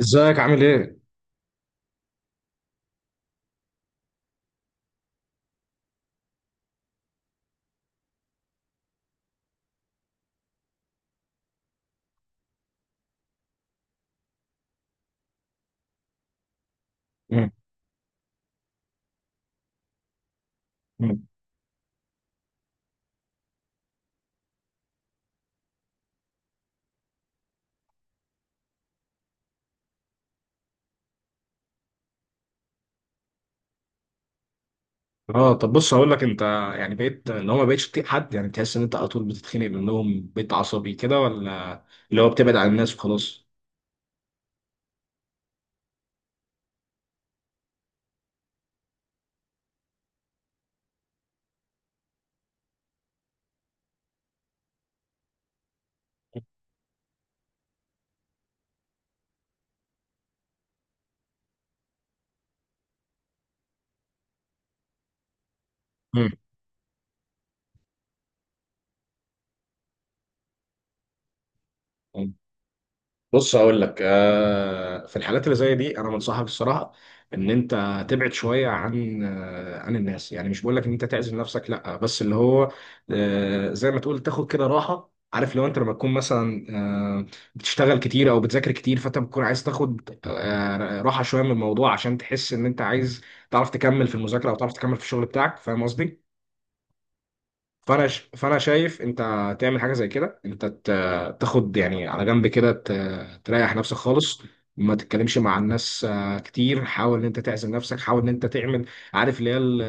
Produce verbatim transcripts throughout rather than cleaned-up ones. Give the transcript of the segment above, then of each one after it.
ازيك عامل ايه؟ مم. مم. اه، طب بص هقول لك انت، يعني بقيت اللي هو ما بقتش تطيق حد، يعني تحس ان انت على طول بتتخانق منهم، بقيت عصبي كده، ولا اللي هو بتبعد عن الناس وخلاص؟ مم. بص اقول لك آه، في الحالات اللي زي دي انا بنصحك الصراحه ان انت تبعد شويه عن آه، عن الناس، يعني مش بقول لك ان انت تعزل نفسك، لا، بس اللي هو آه، زي ما تقول تاخد كده راحه، عارف لو انت لما تكون مثلا آه، بتشتغل كتير او بتذاكر كتير، فانت بتكون عايز تاخد آه، راحه شويه من الموضوع، عشان تحس ان انت عايز تعرف تكمل في المذاكره او تعرف تكمل في الشغل بتاعك. فاهم قصدي؟ فانا ش... فانا شايف انت تعمل حاجه زي كده، انت ت... تاخد يعني على جنب كده، ت... تريح نفسك خالص، ما تتكلمش مع الناس آه، كتير. حاول ان انت تعزل نفسك، حاول ان انت تعمل، عارف اللي هي ال-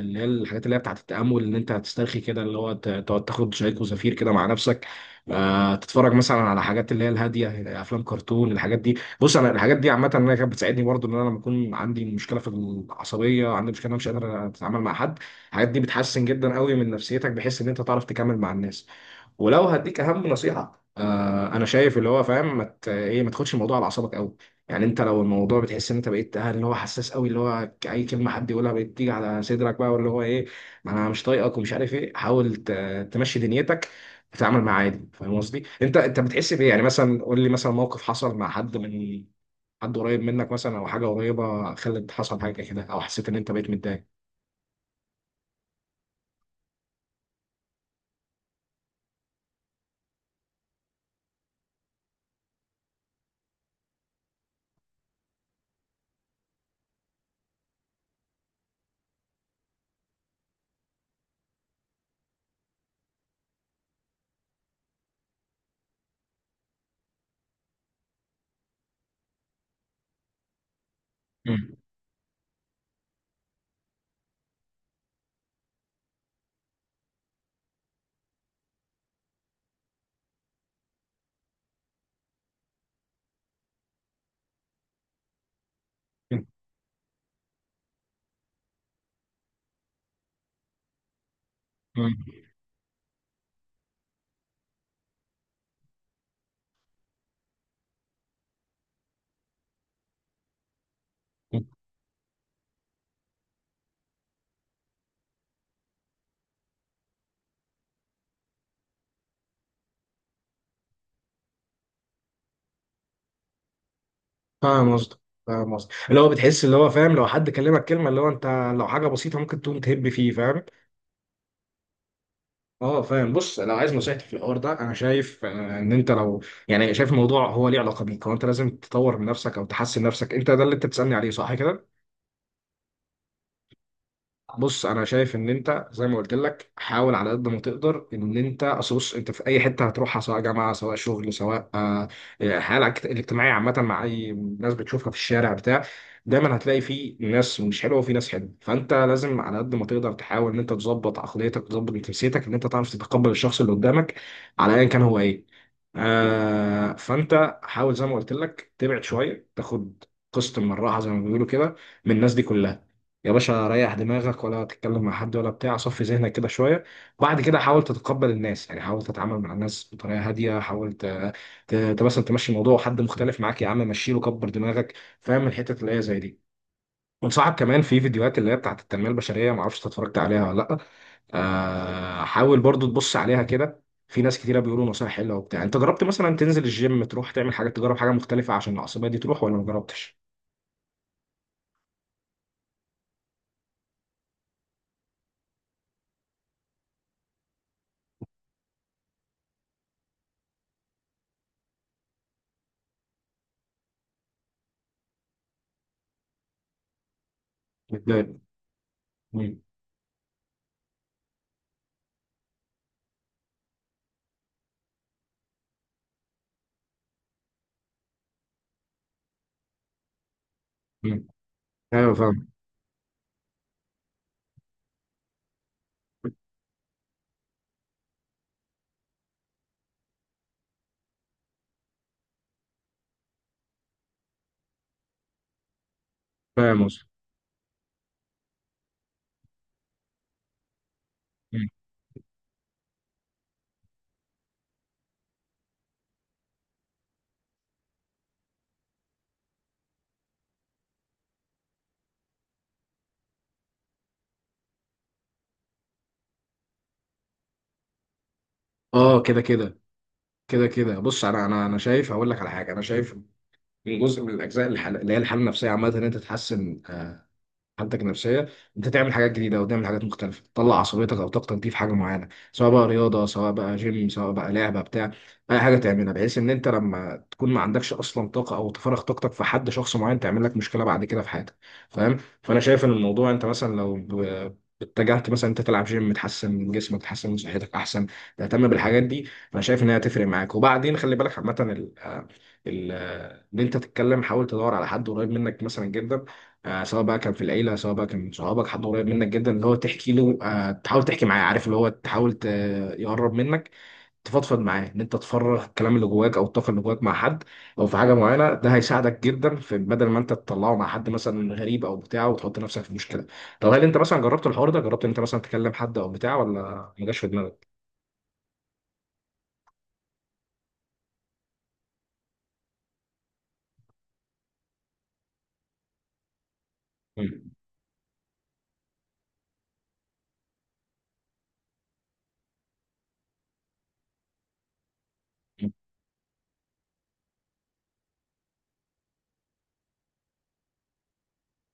اللي هي الحاجات اللي هي بتاعت التامل، ان انت هتسترخي كده، اللي هو ت- تقعد تاخد شاي وزفير كده مع نفسك، آه، تتفرج مثلا على حاجات اللي هي الهاديه، افلام كرتون، الحاجات دي. بص انا الحاجات دي عامه انا كانت بتساعدني برضو، ان انا لما اكون عندي مشكله في العصبيه، عندي مشكله إن انا مش قادر اتعامل مع حد، الحاجات دي بتحسن جدا قوي من نفسيتك، بحيث ان انت تعرف تكمل مع الناس. ولو هديك اهم نصيحه، آه، انا شايف اللي هو فاهم ما مت... ايه، ما تاخدش الموضوع على اعصابك قوي. يعني انت لو الموضوع بتحس ان انت بقيت آه، اللي هو حساس قوي، اللي هو اي كلمه حد يقولها بقت تيجي على صدرك، بقى واللي هو ايه، ما انا مش طايقك ومش عارف ايه، حاول ت... تمشي دنيتك، تتعامل معاه عادي. فاهم قصدي؟ انت انت بتحس بايه؟ يعني مثلا قول لي مثلا موقف حصل مع حد من حد قريب منك مثلا، او حاجه قريبه خلت حصل حاجه كده، او حسيت ان انت بقيت متضايق. مم. مم. فاهم قصدك. فاهم قصدك اللي هو بتحس، اللي هو فاهم، لو حد كلمك كلمه اللي هو انت لو حاجه بسيطه ممكن تقوم تهب فيه. فاهم؟ اه، فاهم. بص لو عايز نصيحتي في الحوار ده، انا شايف آه، ان انت لو، يعني شايف الموضوع هو ليه علاقه بيك، هو انت لازم تطور من نفسك او تحسن نفسك انت، ده اللي انت بتسالني عليه، صح كده؟ بص انا شايف ان انت زي ما قلت لك، حاول على قد ما تقدر ان انت، اصل بص انت في اي حته هتروحها، سواء جامعه سواء شغل سواء آه، حالك الاجتماعيه عامه، مع اي ناس بتشوفها في الشارع بتاع، دايما هتلاقي في ناس مش حلوه وفي ناس حلوه، فانت لازم على قد ما تقدر تحاول ان انت تظبط عقليتك، تظبط نفسيتك، ان انت تعرف تتقبل الشخص اللي قدامك على ايا كان هو ايه. آه، فانت حاول زي ما قلت لك تبعد شويه، تاخد قسط من الراحه زي ما بيقولوا كده، من الناس دي كلها. يا باشا ريح دماغك، ولا تتكلم مع حد ولا بتاع، صفي ذهنك كده شويه. بعد كده حاول تتقبل الناس، يعني حاول تتعامل مع الناس بطريقه هاديه، حاول ت... ت... ت- مثلا تمشي الموضوع، حد مختلف معاك، يا عم مشيله، كبر دماغك. فاهم الحتت اللي هي زي دي؟ انصحك كمان في فيديوهات اللي هي بتاعت التنميه البشريه، ما اعرفش انت اتفرجت عليها ولا لا. آه، حاول برضو تبص عليها كده، في ناس كتيره بيقولوا نصايح حلوه وبتاع. انت جربت مثلا تنزل الجيم، تروح تعمل حاجه، تجرب حاجه مختلفه عشان العصبيه دي تروح، ولا ما جربتش؟ متضايق. مم. مم. ايوه فاهم. فاهم قصدي. اه، كده كده. كده كده بص انا انا انا شايف هقول لك على حاجه، انا شايف من جزء من الاجزاء، الحل... اللي هي الحاله النفسيه عامه، ان انت تحسن حالتك النفسيه، انت تعمل حاجات جديده او تعمل حاجات مختلفه، تطلع عصبيتك او طاقتك دي في حاجه معينه، سواء بقى رياضه سواء بقى جيم سواء بقى لعبه بتاع، اي حاجه تعملها، بحيث ان انت لما تكون ما عندكش اصلا طاقه، او تفرغ طاقتك في حد شخص معين تعمل لك مشكله بعد كده في حياتك. فاهم؟ فانا شايف ان الموضوع، انت مثلا لو ب- اتجهت مثلا انت تلعب جيم، تحسن من جسمك تحسن من صحتك، احسن تهتم بالحاجات دي، فانا شايف ان هي هتفرق معاك. وبعدين خلي بالك عامه، ال- ان انت تتكلم، حاول تدور على حد قريب منك مثلا جدا، آه، سواء بقى كان في العيله سواء بقى كان من صحابك، حد قريب منك جدا اللي هو تحكي له، آه، تحاول تحكي معاه، عارف اللي هو تحاول ت- يقرب منك، تفضفض معاه، ان انت تفرغ الكلام اللي جواك او الطاقه اللي جواك مع حد او في حاجه معينه، ده هيساعدك جدا، في بدل ما انت تطلعه مع حد مثلا غريب او بتاع وتحط نفسك في مشكله. طب هل انت مثلا جربت الحوار ده؟ جربت ان انت مثلا تكلم حد او بتاع، ولا ما جاش في دماغك؟ مم.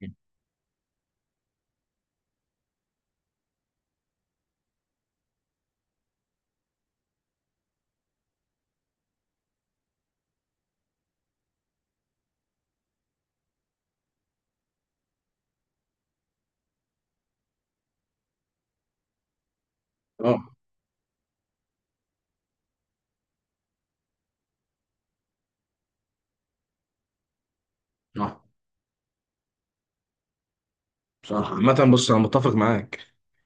مم. اه. اه، صح. عامة بص انا متفق معاك.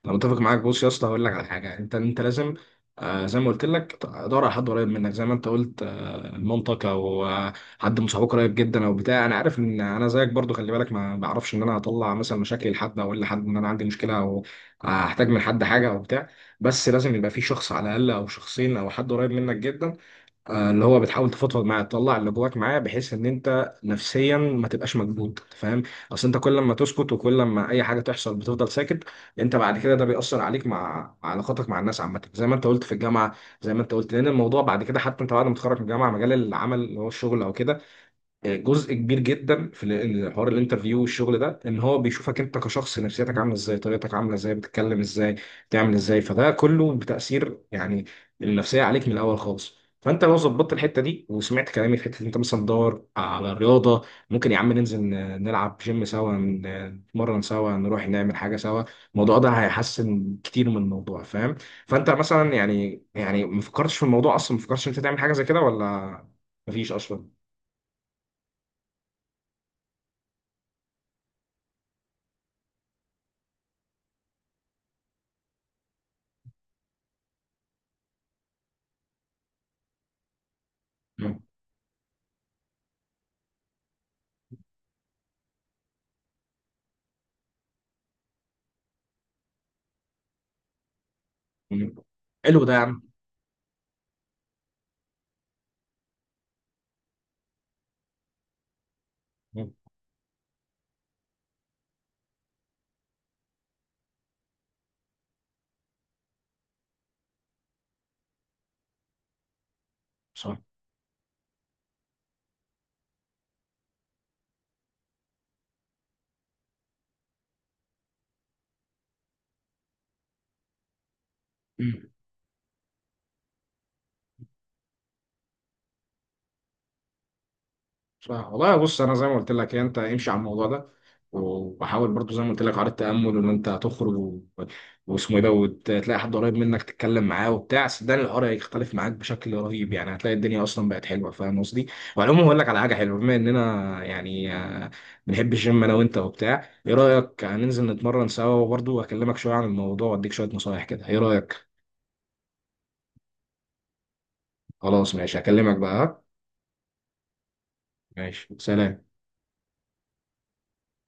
انا متفق معاك. بص يا اسطى هقول لك على حاجة، انت انت لازم آه، زي ما قلت لك تدور على حد قريب منك، زي ما انت قلت آه مامتك، او آه حد من صحابك قريب جدا او بتاع. انا عارف ان انا زيك برضو، خلي بالك، ما بعرفش ان انا اطلع مثلا مشاكل لحد، او اقول لحد ان انا عندي مشكلة، او هحتاج من حد حاجة او بتاع. بس لازم يبقى في شخص على الاقل، او شخصين، او حد قريب منك جدا، آه، اللي هو بتحاول تفضفض معاه، تطلع اللي جواك معاه، بحيث ان انت نفسيا ما تبقاش مكبوت. فاهم؟ اصل انت كل ما تسكت، وكل ما اي حاجه تحصل بتفضل ساكت، انت بعد كده ده بيأثر عليك، مع مع علاقاتك مع الناس عامه، زي ما انت قلت في الجامعه، زي ما انت قلت، لان الموضوع بعد كده حتى انت بعد ما تتخرج من الجامعه، مجال العمل اللي هو الشغل او كده، جزء كبير جدا في ال- حوار الانترفيو والشغل ده، ان هو بيشوفك انت كشخص، نفسيتك عامله ازاي، طريقتك عامله ازاي، بتتكلم ازاي، بتعمل ازاي، فده كله بتاثير يعني النفسيه عليك من الاول خالص. فانت لو ظبطت الحته دي وسمعت كلامي في حته إن انت مثلا تدور على الرياضه، ممكن يا عم ننزل ن- نلعب جيم سوا، ن- نتمرن سوا، نروح نعمل حاجه سوا، الموضوع ده هيحسن كتير من الموضوع. فاهم؟ فانت مثلا يعني يعني ما فكرتش في الموضوع اصلا، ما فكرتش إن انت تعمل حاجه زي كده، ولا مفيش اصلا؟ مم. حلو ده يا عم. مم. صح. مم. صح والله. بص انا زي ما قلت لك انت امشي على الموضوع ده، وحاول برضو زي ما قلت لك على التامل، وان انت هتخرج و... واسمه ايه ده، وتلاقي حد قريب منك تتكلم معاه وبتاع، صدقني الحوار هيختلف معاك بشكل رهيب، يعني هتلاقي الدنيا اصلا بقت حلوه. فاهم قصدي؟ وعموما هقول لك على حاجه حلوه، بما اننا يعني آه، بنحب الجيم انا وانت وبتاع، ايه رايك هننزل نتمرن سوا، وبرضه واكلمك شويه عن الموضوع واديك شويه نصايح كده، ايه رايك؟ خلاص ماشي، هكلمك بقى، ها؟ ماشي، سلام.